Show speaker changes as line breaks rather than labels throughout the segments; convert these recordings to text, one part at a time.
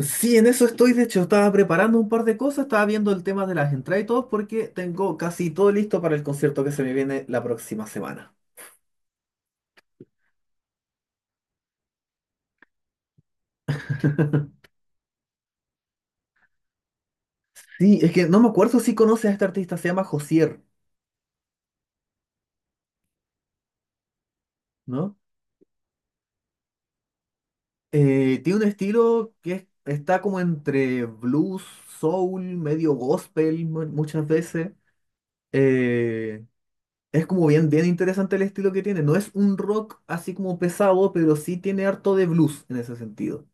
Sí, en eso estoy. De hecho, estaba preparando un par de cosas, estaba viendo el tema de las entradas y todo, porque tengo casi todo listo para el concierto que se me viene la próxima semana. Sí, es que no me acuerdo si conoces a este artista, se llama Josier, ¿no? Tiene un estilo que está como entre blues, soul, medio gospel muchas veces. Eh, es como bien interesante el estilo que tiene. No es un rock así como pesado, pero sí tiene harto de blues en ese sentido.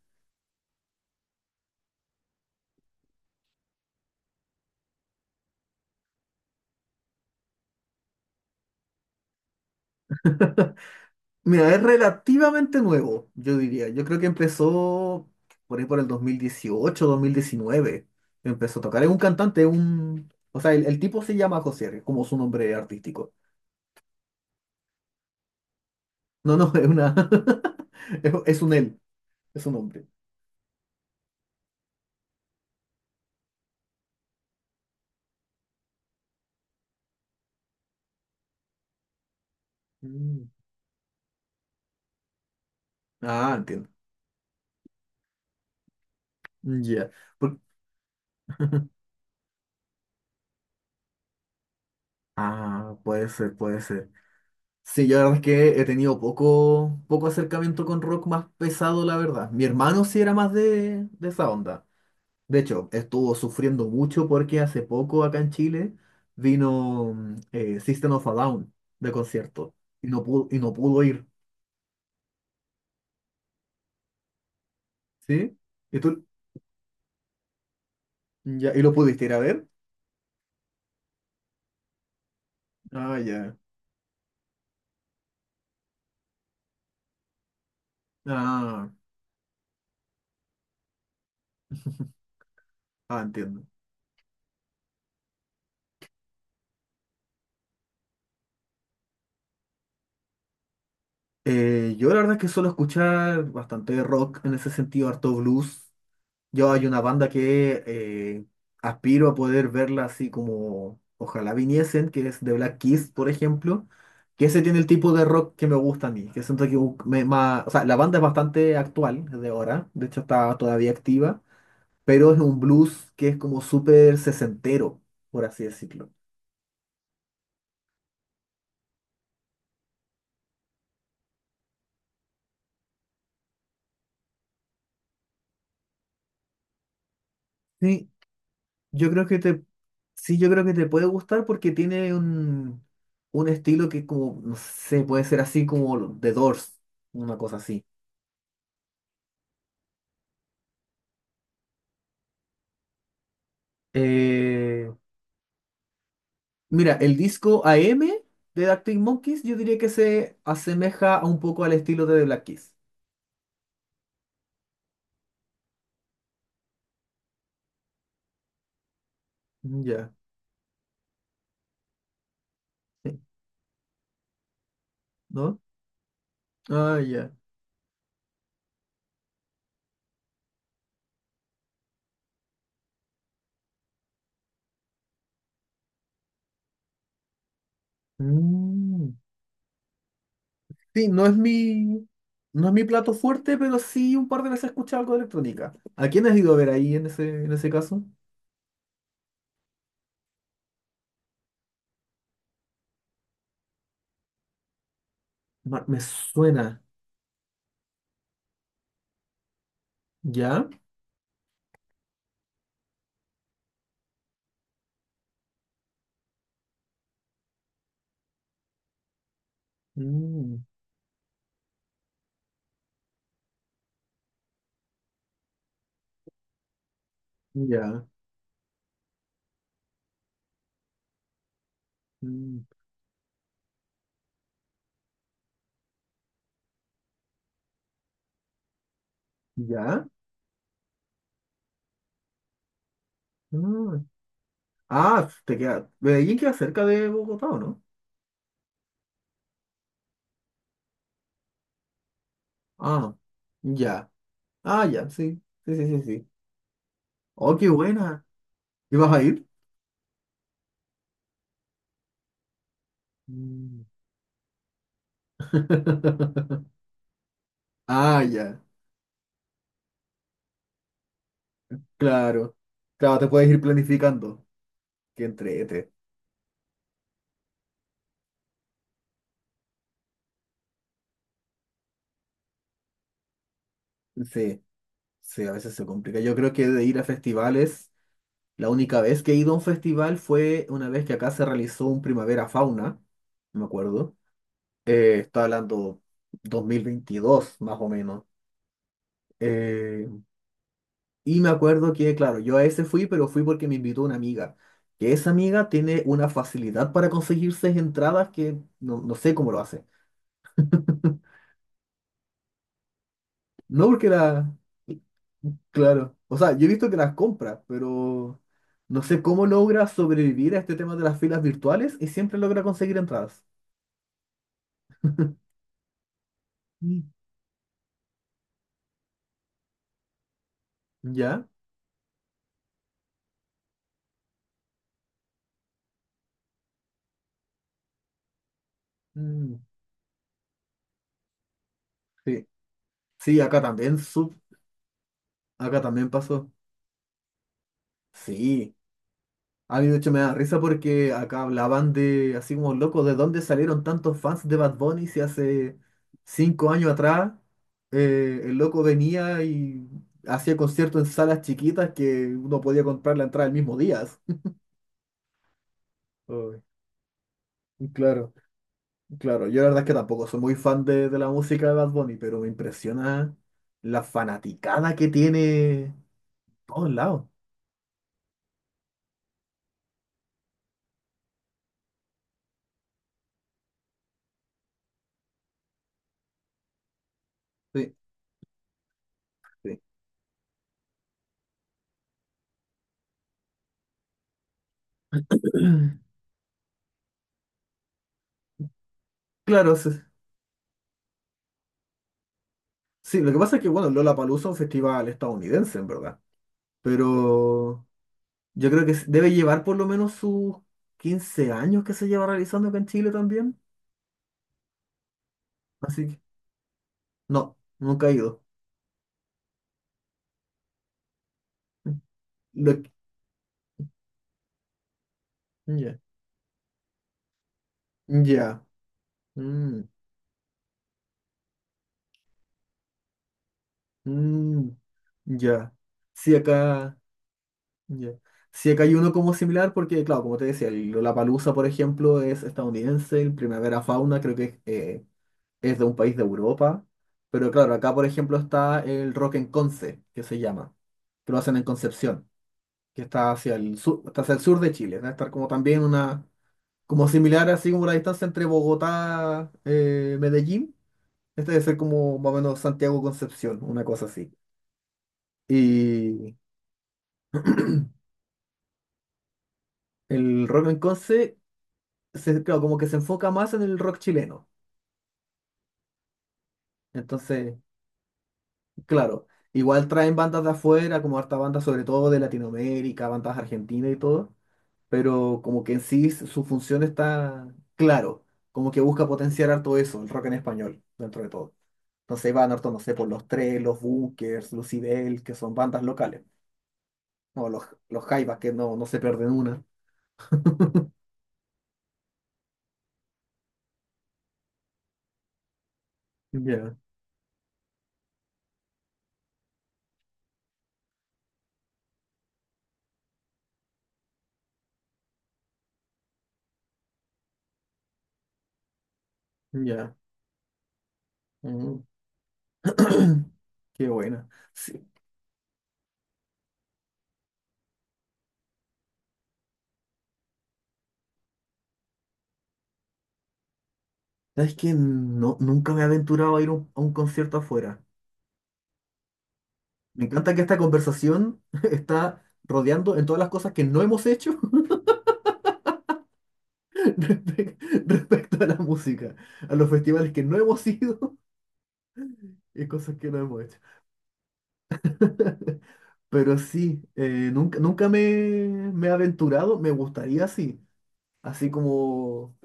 Mira, es relativamente nuevo, yo diría. Yo creo que empezó por ahí por el 2018, 2019. Empezó a tocar. Es un cantante, un... O sea, el tipo se llama José, R, como su nombre artístico. No, es una... es un él, es un hombre. Mm. Ah, entiendo. Mm, ya. Por- Ah, puede ser, puede ser. Sí, yo la verdad es que he tenido poco acercamiento con rock más pesado, la verdad. Mi hermano sí era más de esa onda. De hecho, estuvo sufriendo mucho porque hace poco acá en Chile vino System of a Down de concierto y no pudo ir, ¿sí? ¿Y tú? Ya, ¿y lo pudiste ir a ver? Ah, ya. Ah, ah, entiendo. Yo la verdad es que suelo escuchar bastante rock en ese sentido, harto blues. Yo hay una banda que aspiro a poder verla así como ojalá viniesen, que es The Black Keys, por ejemplo, que ese tiene el tipo de rock que me gusta a mí, que siento que o sea, la banda es bastante actual, es de ahora, de hecho está todavía activa, pero es un blues que es como súper sesentero, por así decirlo. Sí, yo creo que te, sí, yo creo que te puede gustar porque tiene un estilo que como, no sé, puede ser así como The Doors, una cosa así. Eh, Mira, el disco AM de Arctic Monkeys yo diría que se asemeja a un poco al estilo de The Black Keys. Mm, ya, sí, ¿no? Ah, ya. Mm. Sí, no es mi, no es mi plato fuerte, pero sí un par de veces he escuchado algo de electrónica. ¿A quién has ido a ver ahí en en ese caso? Ma- Me suena. ¿Ya? Mm, ya. Mm, ya. Ah, ah, te queda. Medellín queda cerca de Bogotá, ¿o no? Ah, ya. Ah, ya, sí. Sí. Oh, qué buena. ¿Y vas a ir? Mm. Ah, ya. Claro. Claro, te puedes ir planificando. Qué entrete. Sí, sí, a veces se complica. Yo creo que de ir a festivales, la única vez que he ido a un festival fue una vez que acá se realizó un Primavera Fauna, no me acuerdo. Estaba hablando 2022, más o menos. Eh, Y me acuerdo que, claro, yo a ese fui, pero fui porque me invitó una amiga. Que esa amiga tiene una facilidad para conseguirse entradas que no sé cómo lo hace. No porque la... Claro. O sea, yo he visto que las compra, pero no sé cómo logra sobrevivir a este tema de las filas virtuales y siempre logra conseguir entradas. Mm. ¿Ya? Mm, sí. Sí, acá también, acá también pasó. Sí. A mí de hecho me da risa porque acá hablaban de, así como loco, de dónde salieron tantos fans de Bad Bunny si hace 5 años atrás el loco venía y hacía conciertos en salas chiquitas que uno podía comprar la entrada el mismo día. Uy, claro, claro. Yo la verdad es que tampoco soy muy fan de la música de Bad Bunny, pero me impresiona la fanaticada que tiene por todos lados. Sí, sí. Claro, sí. Sí, lo que pasa es que, bueno, Lollapalooza es un festival estadounidense, en verdad. Pero yo creo que debe llevar por lo menos sus 15 años que se lleva realizando acá en Chile también. Así que no, nunca he ido. Lo que- ya, ya, mm, mm, ya. Sí, acá, ya. Sí, acá hay uno como similar porque, claro, como te decía, el Lollapalooza, por ejemplo, es estadounidense, el Primavera Fauna creo que es de un país de Europa, pero claro, acá por ejemplo está el Rock en Conce, que se llama, que lo hacen en Concepción, que está hacia el sur, está hacia el sur de Chile. Debe estar como también una, como similar así como la distancia entre Bogotá, Medellín. Este debe ser como más o menos Santiago Concepción, una cosa así. Y el rock en Conce, se, claro, como que se enfoca más en el rock chileno. Entonces, claro, igual traen bandas de afuera, como harta bandas sobre todo de Latinoamérica, bandas argentinas y todo, pero como que en sí su función está claro, como que busca potenciar harto eso, el rock en español, dentro de todo. No sé, Banorton, no sé, por los tres, los Bunkers, Lucibel, que son bandas locales. O los Jaivas, que no se pierden una. Ya, ya. Mm. Qué buena. Sí. ¿Sabes que no, nunca me he aventurado a ir a a un concierto afuera. Me encanta que esta conversación está rodeando en todas las cosas que no hemos hecho respe- respecto a la música, a los festivales que no hemos ido y cosas que no hemos hecho. Pero sí, nunca me he aventurado, me gustaría sí así como,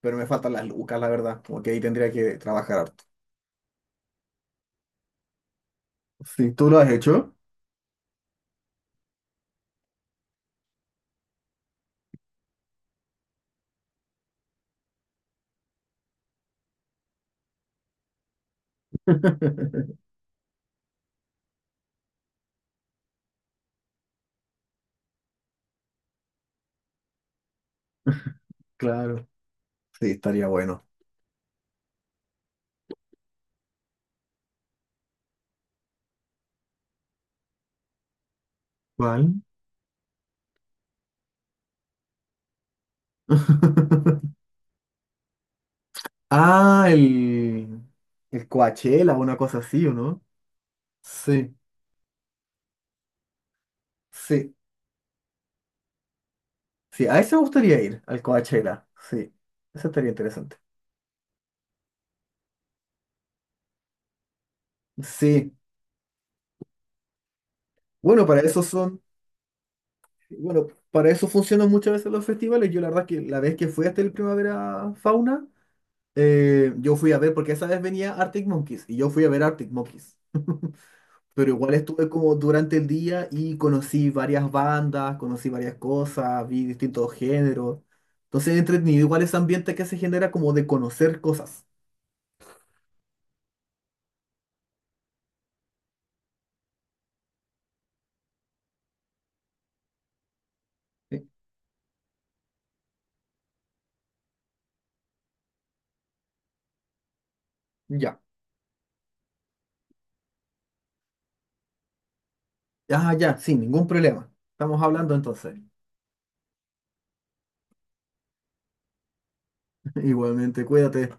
pero me faltan las lucas, la verdad, como que ahí tendría que trabajar harto. Sí, ¿tú lo has hecho? Claro, sí, estaría bueno. ¿Cuál? Ah, el Coachella, una cosa así, ¿o no? Sí, sí, sí, a ese me gustaría ir, al Coachella, sí, eso estaría interesante. Sí, bueno, para eso son... Bueno, para eso funcionan muchas veces los festivales. Yo la verdad que la vez que fui hasta el Primavera Fauna, yo fui a ver, porque esa vez venía Arctic Monkeys, y yo fui a ver Arctic Monkeys. Pero igual estuve como durante el día y conocí varias bandas, conocí varias cosas, vi distintos géneros. Entonces entretenido igual ese ambiente que se genera como de conocer cosas. ¿Sí? Ya. Ah, ya, sin ningún problema. Estamos hablando entonces. Igualmente, cuídate.